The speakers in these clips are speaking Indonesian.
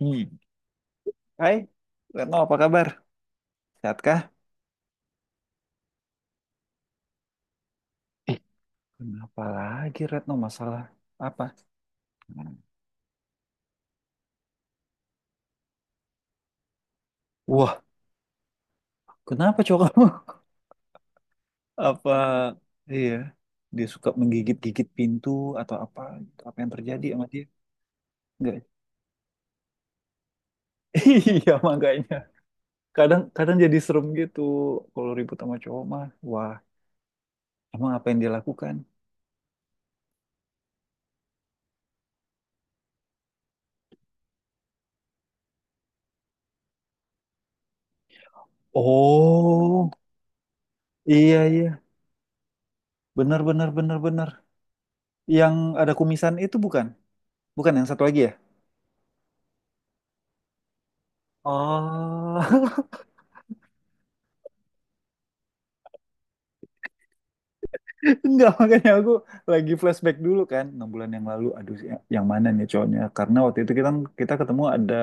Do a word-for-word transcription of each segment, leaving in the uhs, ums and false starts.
Hmm. Hai, Retno apa kabar? Sehat kah? Ih, kenapa lagi Retno masalah apa? Wah, kenapa cowok kamu? Apa, iya, dia suka menggigit-gigit pintu atau apa? Gitu. Apa yang terjadi sama dia? Enggak. Iya, makanya. Kadang kadang jadi serem gitu kalau ribut sama cowok mah. Wah, emang apa yang dia lakukan? Oh, iya iya. Benar benar benar benar. Yang ada kumisan itu bukan? Bukan yang satu lagi ya? Oh, Enggak, makanya aku lagi flashback dulu kan, enam bulan yang lalu, aduh ya- yang mana nih cowoknya? Karena waktu itu kita kita ketemu ada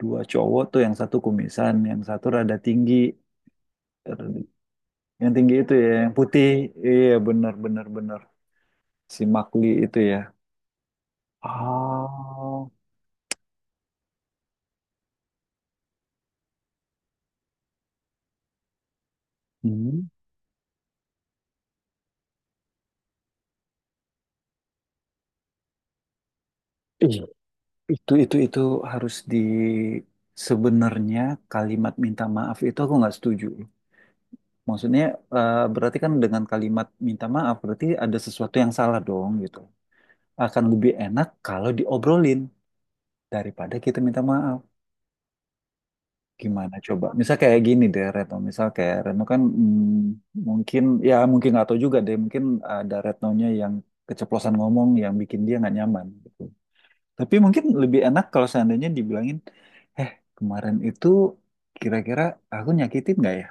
dua cowok tuh, yang satu kumisan, yang satu rada tinggi. Er, yang tinggi itu ya, yang putih, iya bener bener bener, si Makli itu ya. Oh, hmm. Ih, itu itu itu harus di, sebenarnya kalimat minta maaf itu aku nggak setuju. Maksudnya eh, berarti kan dengan kalimat minta maaf berarti ada sesuatu yang salah dong gitu. Akan lebih enak kalau diobrolin daripada kita minta maaf. Gimana coba? Misal kayak gini deh Retno, misal kayak Retno kan mm, mungkin ya mungkin nggak tahu juga deh, mungkin ada Retnonya yang keceplosan ngomong yang bikin dia nggak nyaman gitu. Tapi mungkin lebih enak kalau seandainya dibilangin, eh kemarin itu kira-kira aku nyakitin nggak ya?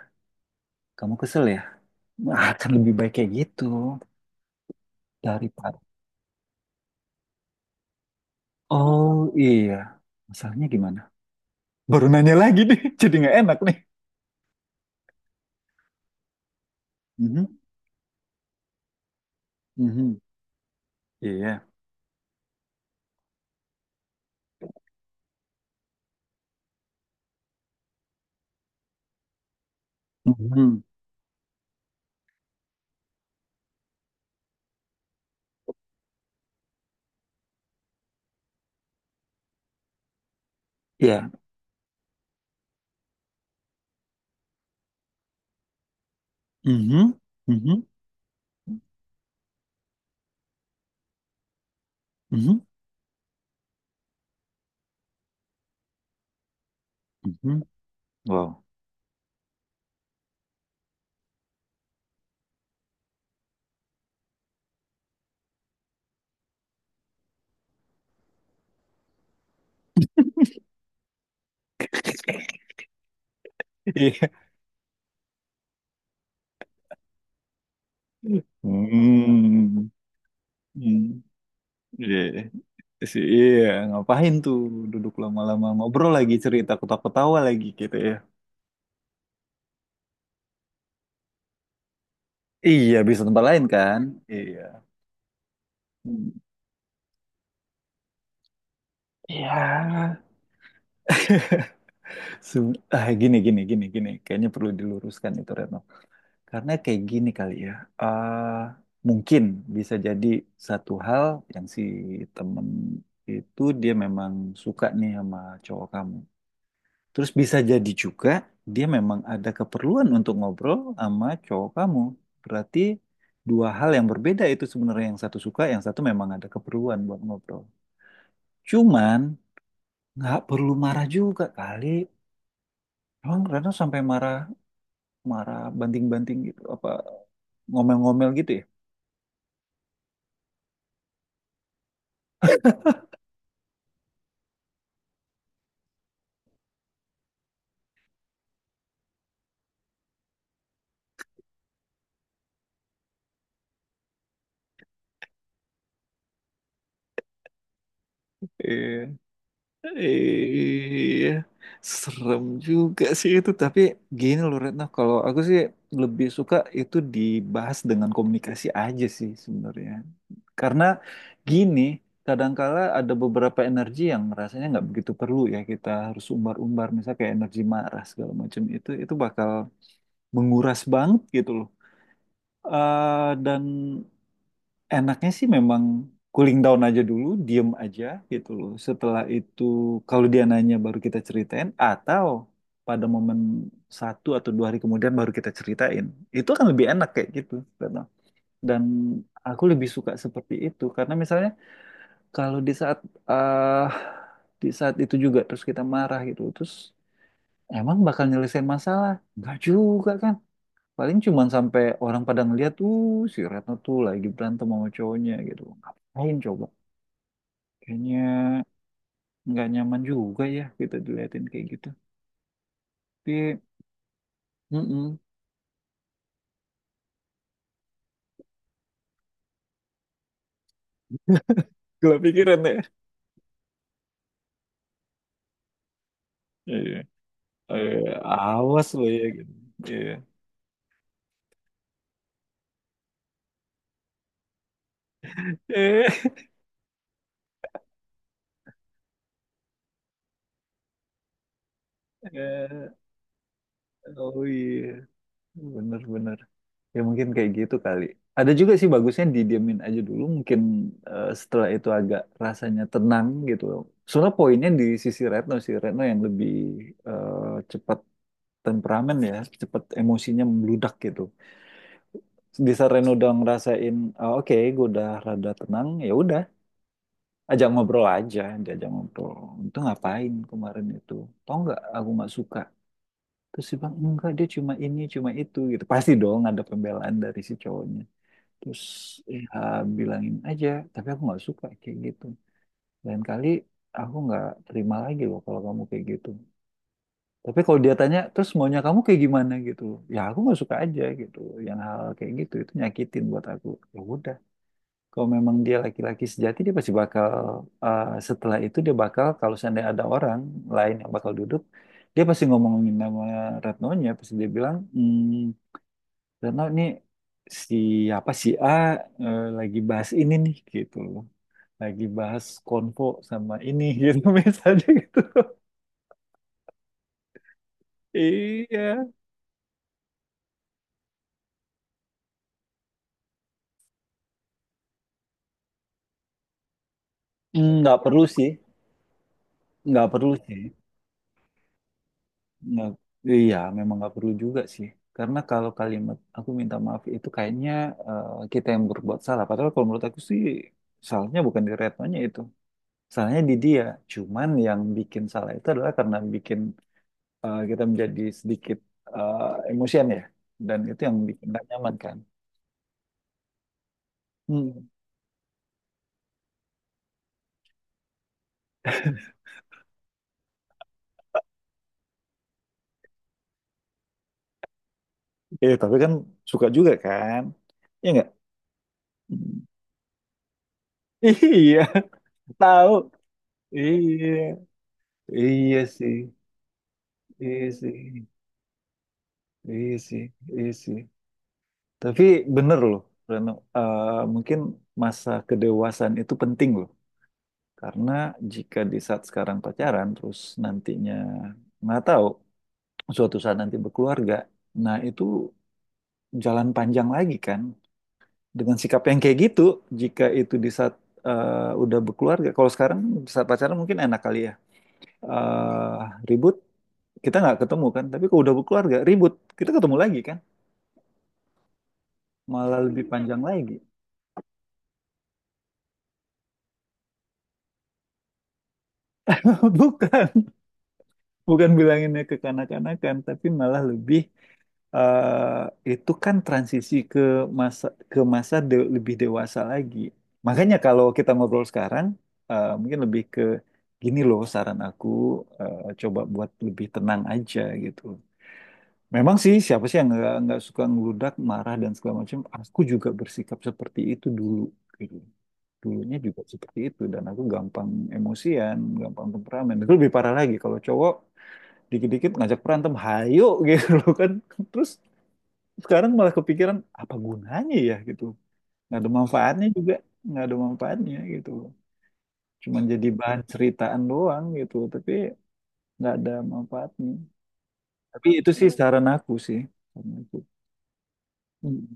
Kamu kesel ya? Nah, akan lebih baik kayak gitu daripada. Oh iya, masalahnya gimana? Baru nanya lagi nih, jadi nggak enak nih. Mhm. Mhm. Iya. Mhm. Iya. Mhm. Mhm. Mhm. Mhm. Wow. Iya. Hmm. Hmm. Iya. Si- Iya. Ngapain tuh duduk lama-lama ngobrol lagi cerita ketawa-ketawa lagi gitu ya. Iya, bisa tempat lain kan? Iya. Hmm. Iya. Se- Ah, gini, gini, gini, gini. Kayaknya perlu diluruskan itu, Retno. Karena kayak gini kali ya, eh mungkin bisa jadi satu hal yang si temen itu dia memang suka nih sama cowok kamu. Terus bisa jadi juga dia memang ada keperluan untuk ngobrol sama cowok kamu. Berarti dua hal yang berbeda itu sebenarnya yang satu suka, yang satu memang ada keperluan buat ngobrol. Cuman nggak perlu marah juga kali. Emang Rano sampai marah, marah banting-banting gitu, apa ngomel-ngomel gitu ya? Iya. Iya, serem juga sih itu. Tapi gini loh Retno, kalau aku sih lebih suka itu dibahas dengan komunikasi aja sih sebenarnya. Karena gini, kadangkala ada beberapa energi yang rasanya nggak begitu perlu ya kita harus umbar-umbar, misalnya kayak energi marah segala macam itu, itu bakal menguras banget gitu loh. Eh, dan enaknya sih memang cooling down aja dulu, diem aja gitu loh. Setelah itu kalau dia nanya baru kita ceritain atau pada momen satu atau dua hari kemudian baru kita ceritain. Itu akan lebih enak kayak gitu. Retno. Dan aku lebih suka seperti itu karena misalnya kalau di saat eh di saat itu juga terus kita marah gitu terus emang bakal nyelesain masalah? Enggak juga kan? Paling cuman sampai orang pada ngeliat, tuh si Retno tuh lagi berantem sama cowoknya gitu. Ngapain coba? Kayaknya nggak nyaman juga ya kita diliatin kayak gitu. Tapi, mm gila pikiran ya. Iya. Eh, awas lo ya gitu. Iya. Eh, eh, oh iya, bener-bener. Ya mungkin kayak gitu kali. Ada juga sih bagusnya didiemin aja dulu. Mungkin eh, setelah itu agak rasanya tenang gitu. Soalnya poinnya di sisi Retno sih. Retno yang lebih eh, cepat temperamen ya. Cepat emosinya membludak gitu. Di saat Retno udah ngerasain, "Oh, oke gue udah rada tenang. Ya udah, ajak ngobrol aja. Diajak ngobrol. Itu ngapain kemarin itu? Tau nggak aku nggak suka." Terus dia bilang, enggak dia cuma ini, cuma itu gitu. Pasti dong ada pembelaan dari si cowoknya. Terus ya bilangin aja tapi aku nggak suka kayak gitu, lain kali aku nggak terima lagi loh kalau kamu kayak gitu. Tapi kalau dia tanya terus maunya kamu kayak gimana gitu loh. Ya aku nggak suka aja gitu, yang hal kayak gitu itu nyakitin buat aku. Ya udah, kalau memang dia laki-laki sejati dia pasti bakal, eh, setelah itu dia bakal kalau seandainya ada orang lain yang bakal duduk, dia pasti ngomongin nama Retno-nya, pasti dia bilang hmm. Karena ini siapa si A, eh, lagi bahas ini nih gitu loh. Lagi bahas konvo sama ini gitu misalnya gitu. Iya. Hmm, nggak perlu sih, nggak perlu sih. Nggak, iya, memang nggak perlu juga sih. Karena kalau kalimat aku minta maaf itu kayaknya eh, kita yang berbuat salah. Padahal kalau menurut aku sih salahnya bukan di retnonya itu. Salahnya di dia. Cuman yang bikin salah itu adalah karena bikin, eh, kita menjadi sedikit eh, emosian ya, dan itu yang bikin nggak nyaman kan. Hmm. Eh tapi kan suka juga kan. Iya nggak. Hmm. Iya. Tahu. Iya. Iya sih. Iya sih. Iya sih. Iya sih, tapi bener loh Reno. Eh, mungkin masa kedewasaan itu penting loh, karena jika di saat sekarang pacaran terus nantinya, nggak tahu, suatu saat nanti berkeluarga. Nah itu jalan panjang lagi kan dengan sikap yang kayak gitu. Jika itu di saat, eh, udah berkeluarga, kalau sekarang di saat pacaran mungkin enak kali ya. Eh, Ribut kita nggak ketemu kan, tapi kalau udah berkeluarga ribut kita ketemu lagi kan, malah lebih panjang lagi. Bukan, bukan bilanginnya ke kanak-kanakan, tapi malah lebih, eh, itu kan transisi ke masa, ke masa de- lebih dewasa lagi. Makanya kalau kita ngobrol sekarang, eh, mungkin lebih ke gini loh saran aku, eh, coba buat lebih tenang aja gitu. Memang sih siapa sih yang nggak nggak suka ngeludak, marah dan segala macam. Aku juga bersikap seperti itu dulu. Gitu. Dulunya juga seperti itu dan aku gampang emosian, gampang temperamen. Itu lebih parah lagi kalau cowok dikit-dikit ngajak berantem, hayo gitu loh kan. Terus sekarang malah kepikiran apa gunanya ya gitu. Nggak ada manfaatnya juga, nggak ada manfaatnya gitu. Cuman jadi bahan ceritaan doang gitu, tapi nggak ada manfaatnya. Tapi itu sih saran aku sih. Saran aku. Hmm.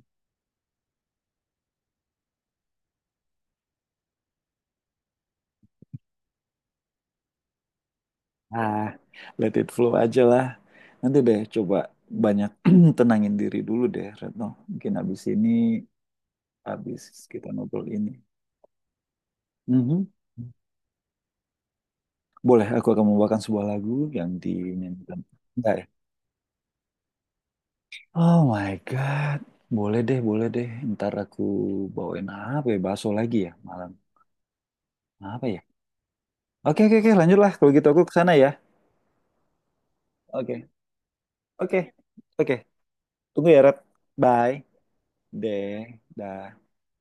Ah, let it flow aja lah. Nanti deh coba banyak tenangin diri dulu deh, Retno. Mungkin habis ini, habis kita ngobrol ini. Mhm. Boleh, aku akan membawakan sebuah lagu yang dinyanyikan. Bentar ya. Oh my God. Boleh deh, boleh deh. Ntar aku bawain apa ya? Bakso lagi ya malam. Apa ya? Oke, oke, oke. Lanjutlah. Kalau gitu aku ke sana ya. Oke, oke, oke. Tunggu ya, Rep. Bye. Deh. Dah.